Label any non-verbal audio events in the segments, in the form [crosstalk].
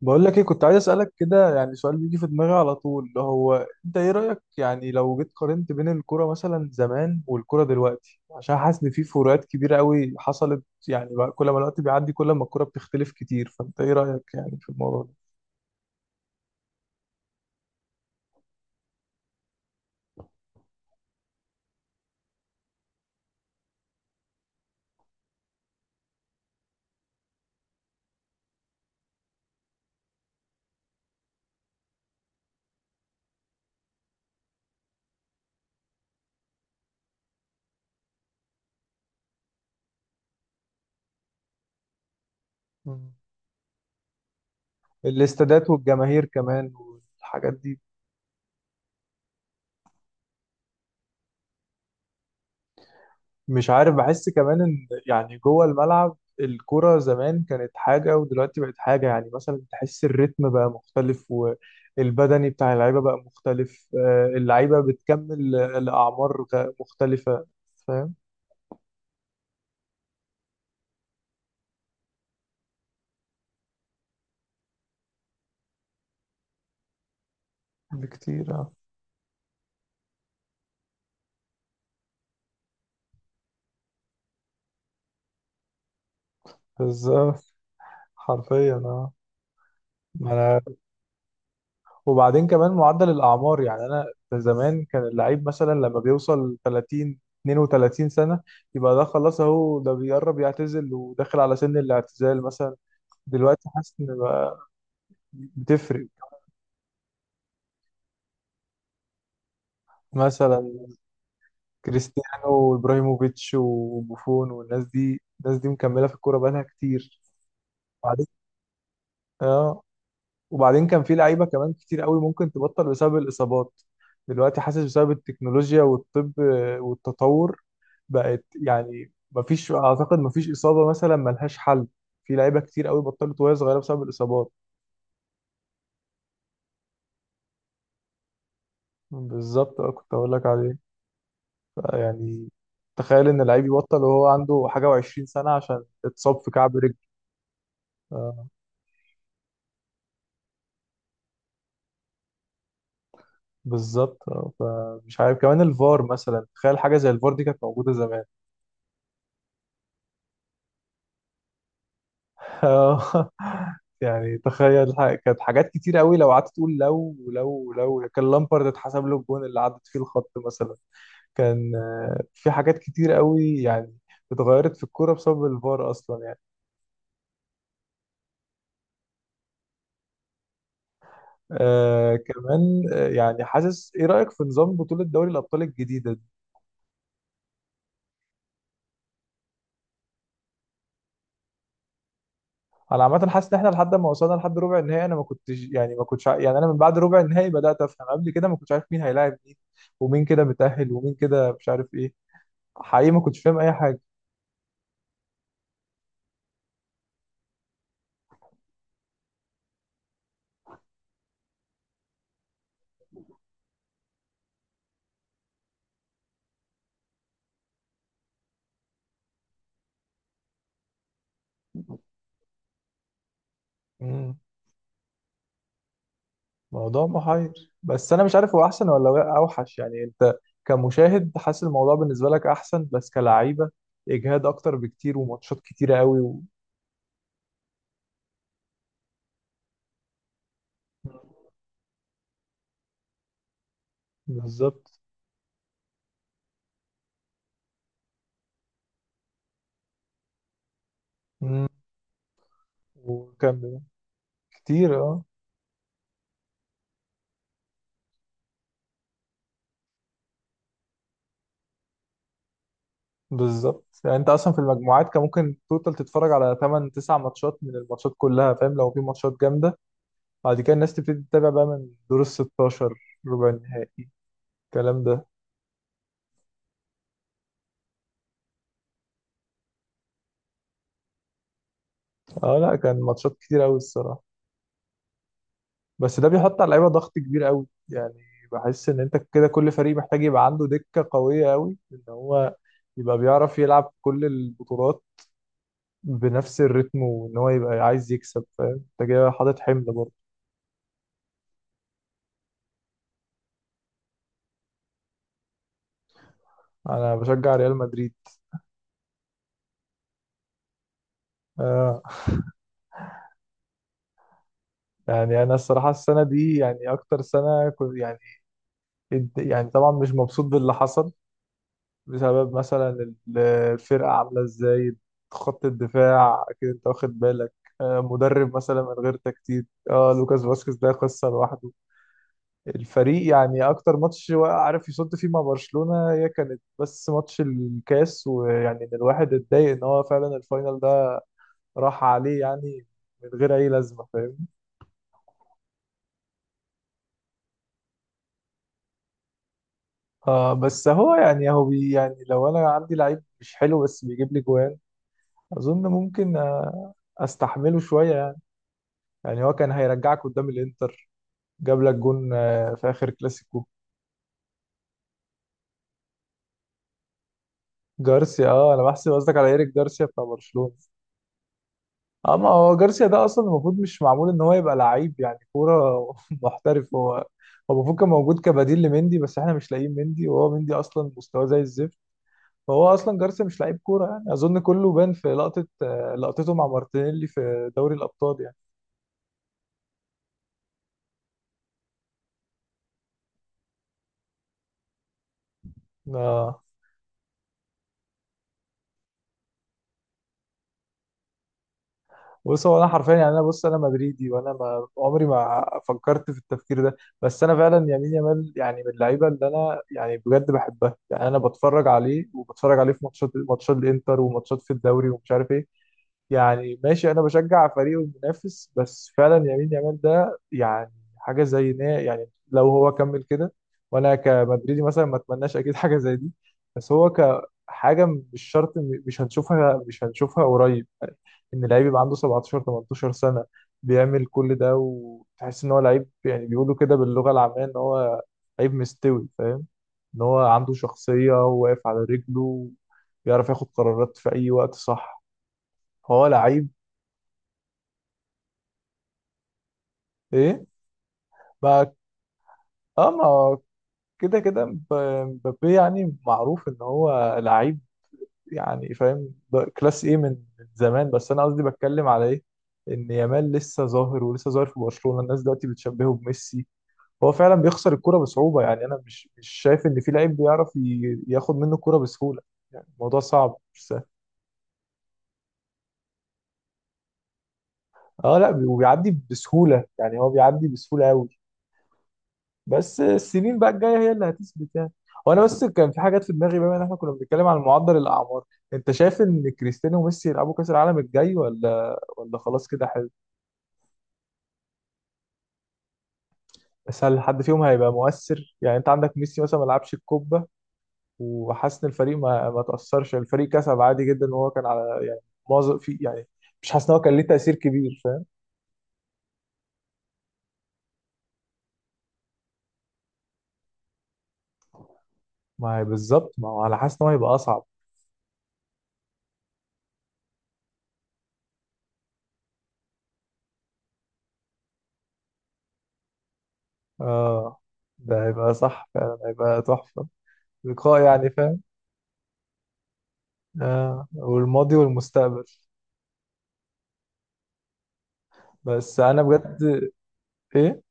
بقول لك ايه، كنت عايز اسالك كده يعني. سؤال بيجي في دماغي على طول، اللي هو انت ايه رايك يعني لو جيت قارنت بين الكوره مثلا زمان والكوره دلوقتي؟ عشان حاسس ان في فروقات كبيره قوي حصلت يعني، بقى كل ما الوقت بيعدي كل ما الكوره بتختلف كتير. فانت ايه رايك يعني في الموضوع ده؟ مم. الاستادات والجماهير كمان والحاجات دي. مش عارف، بحس كمان ان يعني جوه الملعب الكرة زمان كانت حاجة ودلوقتي بقت حاجة. يعني مثلا تحس الريتم بقى مختلف، والبدني بتاع اللعيبة بقى مختلف آه، اللعيبة بتكمل الأعمار مختلفة. فاهم. بكتير اه. بالظبط. حرفيا اه. ما انا. وبعدين كمان معدل الأعمار، يعني انا زمان كان اللعيب مثلا لما بيوصل 30 32 سنة يبقى ده خلاص، اهو ده بيقرب يعتزل وداخل على سن الاعتزال مثلا. دلوقتي حاسس ان بقى بتفرق. مثلا كريستيانو وابراهيموفيتش وبوفون والناس دي، الناس دي مكمله في الكوره بقالها كتير. وبعدين اه، وبعدين كان في لعيبه كمان كتير قوي ممكن تبطل بسبب الاصابات. دلوقتي حاسس بسبب التكنولوجيا والطب والتطور بقت يعني مفيش، اعتقد مفيش اصابه مثلا ملهاش حل. في لعيبه كتير قوي بطلت وهي صغيره بسبب الاصابات. بالظبط اه، كنت اقول لك عليه. يعني تخيل ان لعيب يبطل وهو عنده حاجه وعشرين سنه عشان اتصاب في كعب رجل. آه، بالظبط آه، فمش عارف. كمان الفار مثلا، تخيل حاجه زي الفار دي كانت موجوده زمان. آه، [laughs] يعني تخيل كانت حاجات كتير قوي لو قعدت تقول. لو لو كان لامبارد اتحسب له الجون اللي عدت فيه الخط مثلا، كان آه، في حاجات كتير قوي يعني اتغيرت في الكوره بسبب الفار اصلا يعني. آه كمان آه، يعني حاسس، ايه رايك في نظام بطوله دوري الابطال الجديده؟ انا عامه حاسس ان احنا لحد ما وصلنا لحد ربع النهائي انا ما كنتش يعني ما يعني انا من بعد ربع النهائي بدات افهم. قبل كده ما كنتش عارف مين هيلاعب مين ومين كده متاهل ومين كده مش عارف ايه. حقيقي ما كنتش فاهم اي حاجه. امم. موضوع محير، بس انا مش عارف هو احسن ولا هو اوحش. يعني انت كمشاهد حاسس الموضوع بالنسبه لك احسن، بس كلعيبه اجهاد اكتر بكتير، وماتشات كتيره قوي و... بالظبط. امم. وكان. كتير اه. بالظبط، يعني انت اصلا في المجموعات كان ممكن توتال تتفرج على 8 9 ماتشات من الماتشات كلها، فاهم؟ لو في ماتشات جامده. بعد كده الناس تبتدي تتابع بقى من دور ال 16، ربع النهائي، الكلام ده. اه لا كان ماتشات كتير قوي الصراحه. بس ده بيحط على اللعيبه ضغط كبير قوي يعني. بحس ان انت كده كل فريق محتاج يبقى عنده دكه قويه قوي ان هو يبقى بيعرف يلعب كل البطولات بنفس الريتم، وان هو يبقى عايز يكسب. فاهم انت كده حاطط حمل برضه. انا بشجع ريال مدريد. آه. يعني انا الصراحه السنه دي يعني اكتر سنه كنت يعني، يعني طبعا مش مبسوط باللي حصل، بسبب مثلا ال- الفرقه عامله ازاي، خط الدفاع اكيد انت واخد بالك آه، مدرب مثلا من غير تكتيك اه، لوكاس فاسكيز ده قصه لوحده. الفريق يعني اكتر ماتش وقع- عارف يصد فيه مع برشلونه هي كانت بس ماتش الكاس، ويعني ان الواحد اتضايق ان هو فعلا الفاينل ده راح عليه يعني من غير اي لازمه، فاهم. اه بس هو يعني هو بي يعني لو انا عندي لعيب مش حلو بس بيجيب لي جوان، اظن ممكن آه، استحمله شويه يعني. يعني هو كان هيرجعك قدام الانتر، جاب لك جون آه، في اخر كلاسيكو. جارسيا اه، انا بحسب قصدك على ايريك جارسيا بتاع برشلونه. اه، ما هو جارسيا ده اصلا المفروض مش معمول ان هو يبقى لعيب يعني كوره [laughs] محترف هو. هو المفروض كان موجود كبديل لمندي، بس احنا مش لاقيين مندي، وهو مندي اصلا مستواه زي الزفت. فهو اصلا جارسيا مش لعيب كوره، يعني اظن كله بان في لقطه آه، لقطته مع مارتينيلي في دوري الابطال يعني. آه، بص هو انا حرفيا يعني، انا بص انا مدريدي، وانا ما عمري ما فكرت في التفكير ده. بس انا فعلا يمين يامال يعني من اللعيبه اللي انا يعني بجد بحبها يعني. انا بتفرج عليه، وبتفرج عليه في ماتشات الانتر وماتشات في الدوري ومش عارف ايه. يعني ماشي، انا بشجع فريقه المنافس، بس فعلا يمين يامال ده يعني حاجه، زي يعني لو هو كمل كده، وانا كمدريدي مثلا ما اتمناش اكيد [laughs] حاجه زي دي. بس هو كحاجه مش شرط مش هنشوفها، مش هنشوفها قريب. ان لعيب يبقى عنده 17 18 سنه بيعمل كل ده وتحس ان هو لعيب. يعني بيقولوا كده باللغه العاميه ان هو لعيب مستوي، فاهم. ان هو عنده شخصيه وواقف على رجله، ويعرف ياخد قرارات في اي وقت. صح، هو لعيب. ايه. ما اه ما هو كده كده مبابي يعني معروف ان هو لعيب، يعني فاهم ده كلاس ايه من من زمان. بس انا قصدي بتكلم على ايه، ان يامال لسه ظاهر ولسه ظاهر في برشلونة. الناس دلوقتي بتشبهه بميسي. هو فعلا بيخسر الكرة بصعوبة، يعني انا مش شايف ان في لعيب بيعرف ياخد منه الكرة بسهولة. يعني الموضوع صعب مش سهل. اه لا، وبيعدي بسهولة، يعني هو بيعدي بسهولة قوي. بس السنين بقى الجايه هي اللي هتثبت يعني. وانا بس كان في حاجات في دماغي، بما ان احنا كنا بنتكلم عن معدل الاعمار، انت شايف ان كريستيانو وميسي يلعبوا كاس العالم الجاي ولا ولا خلاص كده حلو؟ بس هل حد فيهم هيبقى مؤثر؟ يعني انت عندك ميسي مثلا ما لعبش الكوبا، وحاسس ان الفريق ما تاثرش، يعني الفريق كسب عادي جدا، وهو كان على يعني معظم في يعني، مش حاسس ان هو كان ليه تاثير كبير، فاهم. ما هي بالظبط، ما هو انا حاسس ان هو هيبقى اصعب. اه، ده هيبقى صح، فعلا هيبقى تحفه، لقاء يعني فاهم. آه، والماضي والمستقبل. بس انا بجد. ايه.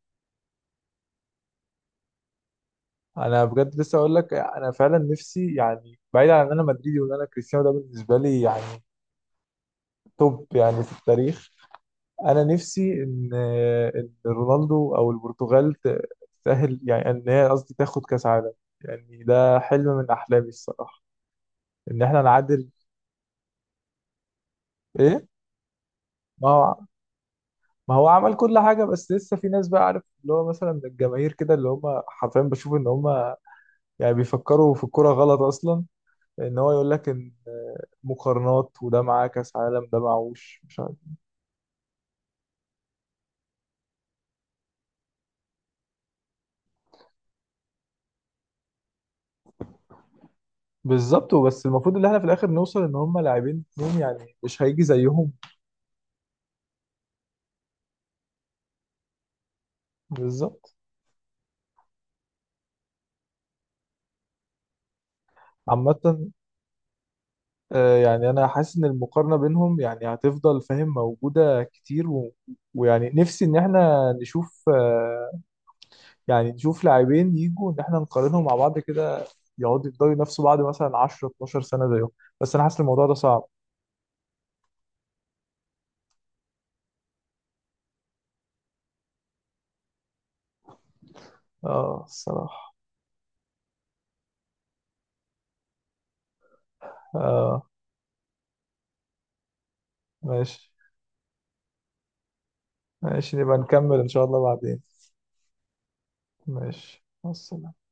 انا بجد لسه اقول لك، انا فعلا نفسي، يعني بعيد عن ان انا مدريدي وان انا كريستيانو ده بالنسبه لي يعني توب يعني في التاريخ، انا نفسي ان رونالدو او البرتغال تتاهل، يعني ان هي قصدي تاخد كاس عالم. يعني ده حلم من احلامي الصراحه ان احنا نعادل. ايه. ما هو، ما هو عمل كل حاجه بس لسه في ناس بقى، عارف اللي هو مثلا من الجماهير كده، اللي هم حرفيا بشوف ان هم يعني بيفكروا في الكرة غلط أصلا. إن هو يقول لك إن مقارنات، وده معاه كأس عالم، ده معهوش، مش عارف. بالظبط، وبس المفروض إن إحنا في الآخر نوصل إن هم لاعبين اتنين يعني مش هيجي زيهم. بالظبط. عامة آه، يعني أنا حاسس إن المقارنة بينهم يعني هتفضل فاهم موجودة كتير و... ويعني نفسي إن إحنا نشوف آه، يعني نشوف لاعبين يجوا إن إحنا نقارنهم مع بعض كده، يقعدوا يفضلوا ينافسوا بعض مثلا 10 12 سنة زيهم. بس أنا حاسس الموضوع ده صعب. آه الصراحة. اه ماشي. ماشي نبقى نكمل ان شاء الله بعدين. ماشي، مع السلامة.